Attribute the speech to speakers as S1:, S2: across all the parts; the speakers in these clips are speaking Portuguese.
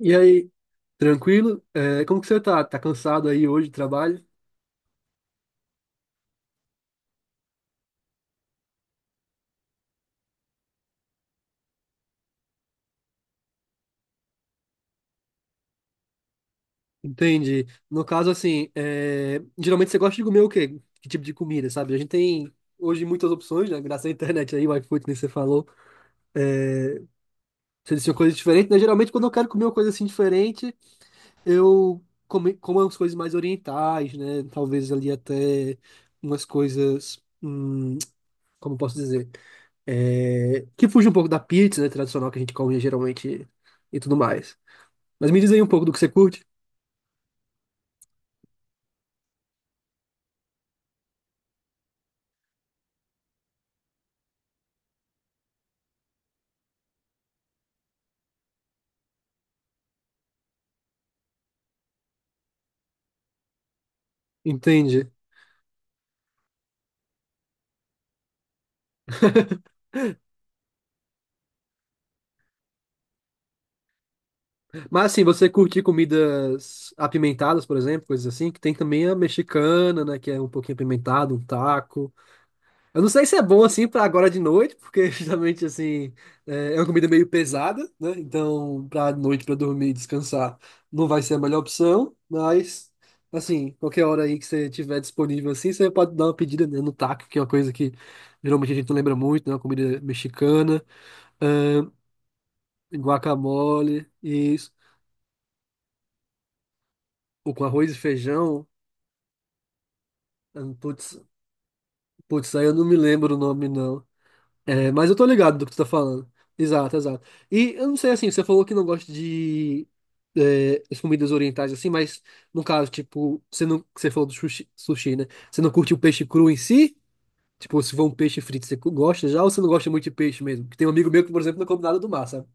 S1: E aí, tranquilo? Como que você tá? Tá cansado aí hoje do trabalho? Entendi. No caso, assim, geralmente você gosta de comer o quê? Que tipo de comida, sabe? A gente tem hoje muitas opções, né? Graças à internet aí, o iFood, nem você falou. Você disse coisas diferentes, né? Geralmente, quando eu quero comer uma coisa assim diferente, como umas coisas mais orientais, né? Talvez ali até umas coisas. Como eu posso dizer? É, que fuja um pouco da pizza, né? Tradicional que a gente come geralmente e tudo mais. Mas me diz aí um pouco do que você curte. Entende? Mas assim, você curte comidas apimentadas, por exemplo, coisas assim, que tem também a mexicana, né? Que é um pouquinho apimentado, um taco. Eu não sei se é bom assim para agora de noite, porque justamente assim é uma comida meio pesada, né? Então, para noite para dormir e descansar, não vai ser a melhor opção, mas assim, qualquer hora aí que você tiver disponível assim, você pode dar uma pedida, né, no taco, que é uma coisa que geralmente a gente não lembra muito, né? Uma comida mexicana, ahn, guacamole e isso, ou com arroz e feijão. Putz, putz, aí eu não me lembro o nome não. É, mas eu tô ligado do que tu tá falando. Exato, exato. E eu não sei assim, você falou que não gosta de as comidas orientais assim, mas no caso, tipo, você não, você falou do sushi, né? Você não curte o peixe cru em si? Tipo, se for um peixe frito, você gosta já ou você não gosta muito de peixe mesmo? Porque tem um amigo meu que, por exemplo, não come nada do mar, sabe?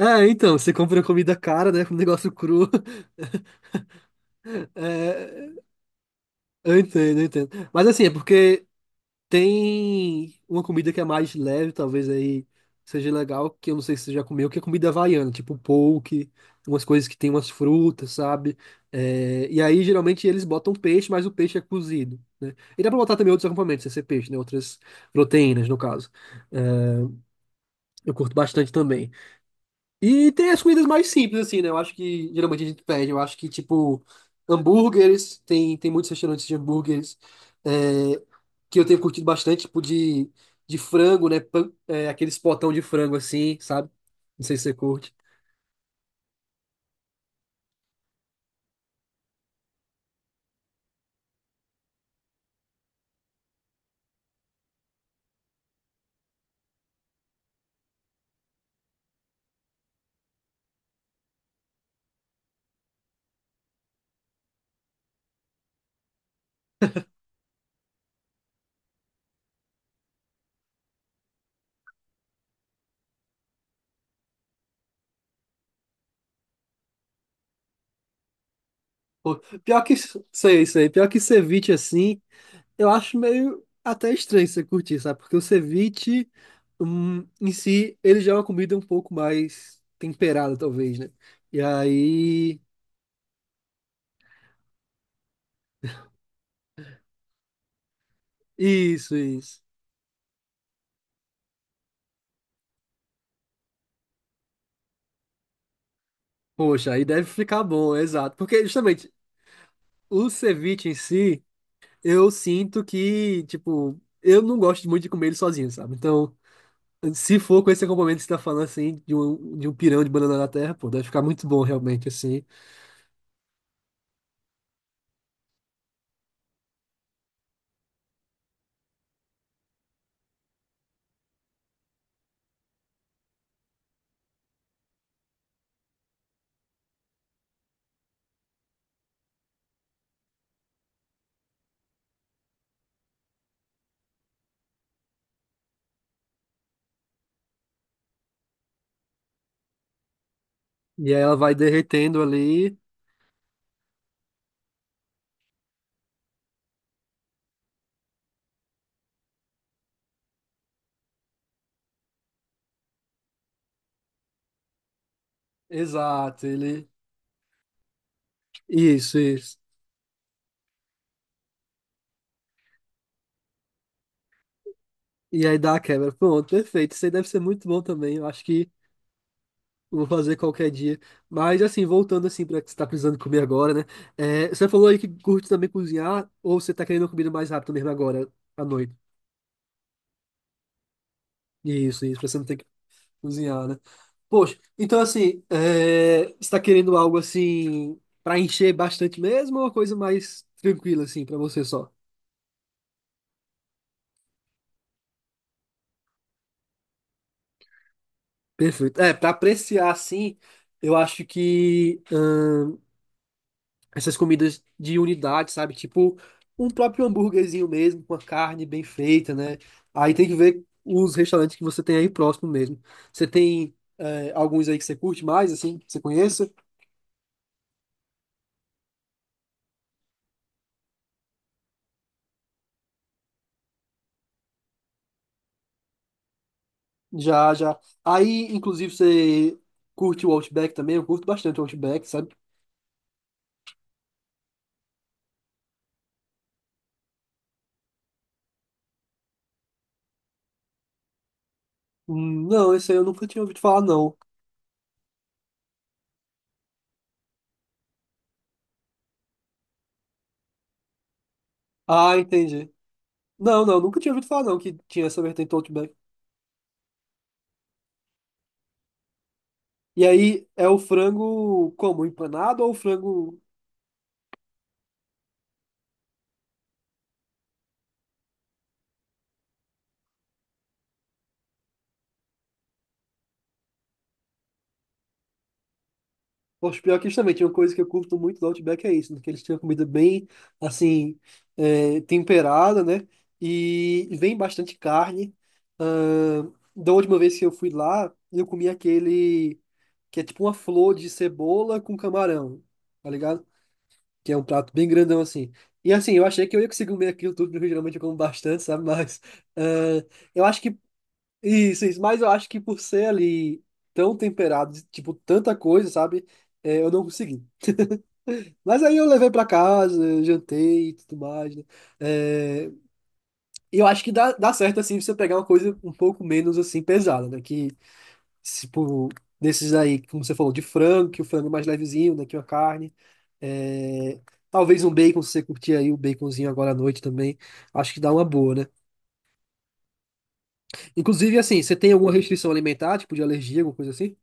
S1: É, então, você compra comida cara, né? Com um negócio cru. É, eu entendo. Mas assim, é porque tem uma comida que é mais leve, talvez aí seja legal, que eu não sei se você já comeu, que é comida havaiana, tipo poke, umas coisas que tem umas frutas, sabe? É, e aí geralmente eles botam peixe, mas o peixe é cozido, né? E dá pra botar também outros acompanhamentos, sem ser peixe, né? Outras proteínas, no caso. É, eu curto bastante também. E tem as comidas mais simples, assim, né? Eu acho que geralmente a gente pede. Eu acho que, tipo, tem muitos restaurantes de hambúrgueres. É, que eu tenho curtido bastante, de frango, né? Aqueles potão de frango assim, sabe? Não sei se você curte. Pô, pior que sei. Pior que ceviche assim, eu acho meio até estranho você curtir, sabe? Porque o ceviche em si, ele já é uma comida um pouco mais temperada, talvez, né? E aí. Isso, isso. Poxa, aí deve ficar bom, exato. Porque justamente o ceviche em si. Eu sinto que, tipo, eu não gosto muito de comer ele sozinho, sabe? Então, se for com esse acompanhamento que você tá falando, assim, de um pirão de banana da terra, pô, deve ficar muito bom, realmente, assim. E aí ela vai derretendo ali. Exato, ele. Isso, isso. E aí dá a quebra. Pronto, perfeito. Isso aí deve ser muito bom também. Eu acho que eu vou fazer qualquer dia. Mas, assim, voltando, assim, pra que você tá precisando comer agora, né? É, você falou aí que curte também cozinhar, ou você tá querendo comida mais rápido mesmo agora, à noite? Isso, pra você não ter que cozinhar, né? Poxa, então assim, é... Você está querendo algo assim para encher bastante mesmo ou uma coisa mais tranquila assim para você só? Perfeito. É, para apreciar assim, eu acho que essas comidas de unidade, sabe? Tipo um próprio hambúrguerzinho mesmo, com a carne bem feita, né? Aí tem que ver os restaurantes que você tem aí próximo mesmo. Você tem alguns aí que você curte mais, assim, que você conheça? Já, já. Aí, inclusive, você curte o Outback também? Eu curto bastante o Outback, sabe? Não, esse aí eu nunca tinha ouvido falar, não. Ah, entendi. Não, não, nunca tinha ouvido falar, não, que tinha essa vertente do Outback. E aí, é o frango como? Empanado ou o frango. Poxa, pior que isso também. Tinha uma coisa que eu curto muito do Outback, é isso, né? Que eles tinham comida bem, assim, temperada, né? E vem bastante carne. Da última vez que eu fui lá, eu comi aquele. Que é tipo uma flor de cebola com camarão, tá ligado? Que é um prato bem grandão assim. E assim, eu achei que eu ia conseguir comer aquilo tudo, porque geralmente eu como bastante, sabe? Mas ah, eu acho que. Isso, mas eu acho que por ser ali tão temperado, de, tipo, tanta coisa, sabe? É, eu não consegui. Mas aí eu levei pra casa, eu jantei e tudo mais, né? É, e eu acho que dá certo, assim, você pegar uma coisa um pouco menos, assim, pesada, né? Que, tipo, desses aí, como você falou, de frango, que o frango é mais levezinho, né? Que uma carne. É, talvez um bacon, se você curtir aí o baconzinho agora à noite também, acho que dá uma boa, né? Inclusive, assim, você tem alguma restrição alimentar, tipo de alergia, alguma coisa assim?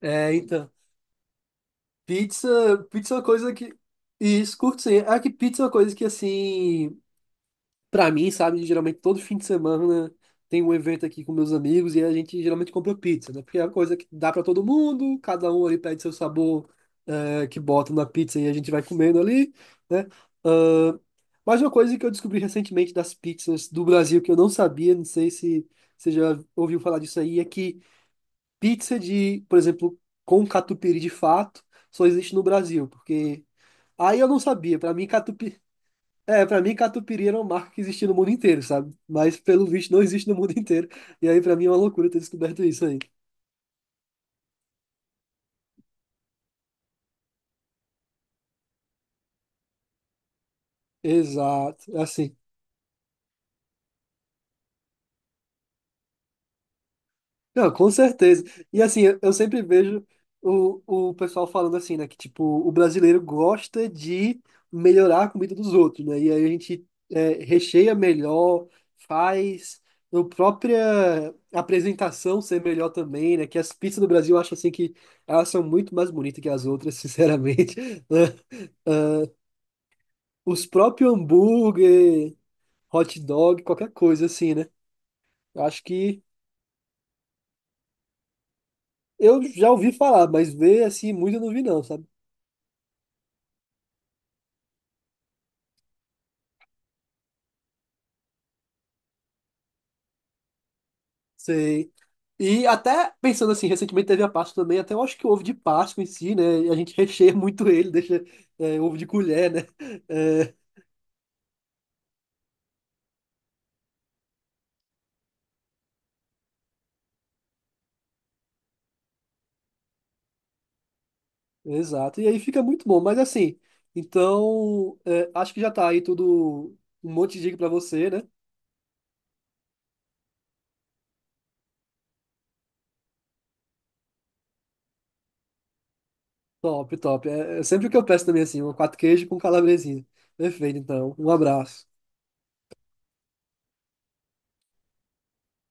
S1: É, então, pizza, pizza é uma coisa que. Isso, curto sim. É que pizza é uma coisa que, assim. Pra mim, sabe, geralmente todo fim de semana tem um evento aqui com meus amigos e a gente geralmente compra pizza, né? Porque é uma coisa que dá pra todo mundo, cada um ali pede seu sabor que bota na pizza e a gente vai comendo ali, né? Ahn, mas uma coisa que eu descobri recentemente das pizzas do Brasil que eu não sabia, não sei se você já ouviu falar disso aí, é que pizza de, por exemplo, com catupiry de fato, só existe no Brasil, porque aí eu não sabia. Pra mim, catupiry pra mim, catupiry era uma marca que existia no mundo inteiro, sabe? Mas, pelo visto, não existe no mundo inteiro. E aí, pra mim, é uma loucura ter descoberto isso aí. Exato, é assim. Não, com certeza. E, assim, eu sempre vejo o pessoal falando assim, né? Que, tipo, o brasileiro gosta de melhorar a comida dos outros, né? E aí a gente recheia melhor, faz a própria apresentação ser melhor também, né? Que as pizzas do Brasil, eu acho, assim, que elas são muito mais bonitas que as outras, sinceramente. Os próprios hambúrguer, hot dog, qualquer coisa assim, né? Eu acho que eu já ouvi falar, mas ver assim muito eu não vi não, sabe? Sei. E até pensando assim, recentemente teve a Páscoa também, até eu acho que o ovo de Páscoa em si, né? A gente recheia muito ele, deixa ovo de colher, né? É, exato. E aí fica muito bom, mas assim, então é, acho que já tá aí tudo um monte de dica pra você, né? Top, top. É, é sempre o que eu peço também assim, um quatro queijo com calabresinha. Perfeito, então. Um abraço.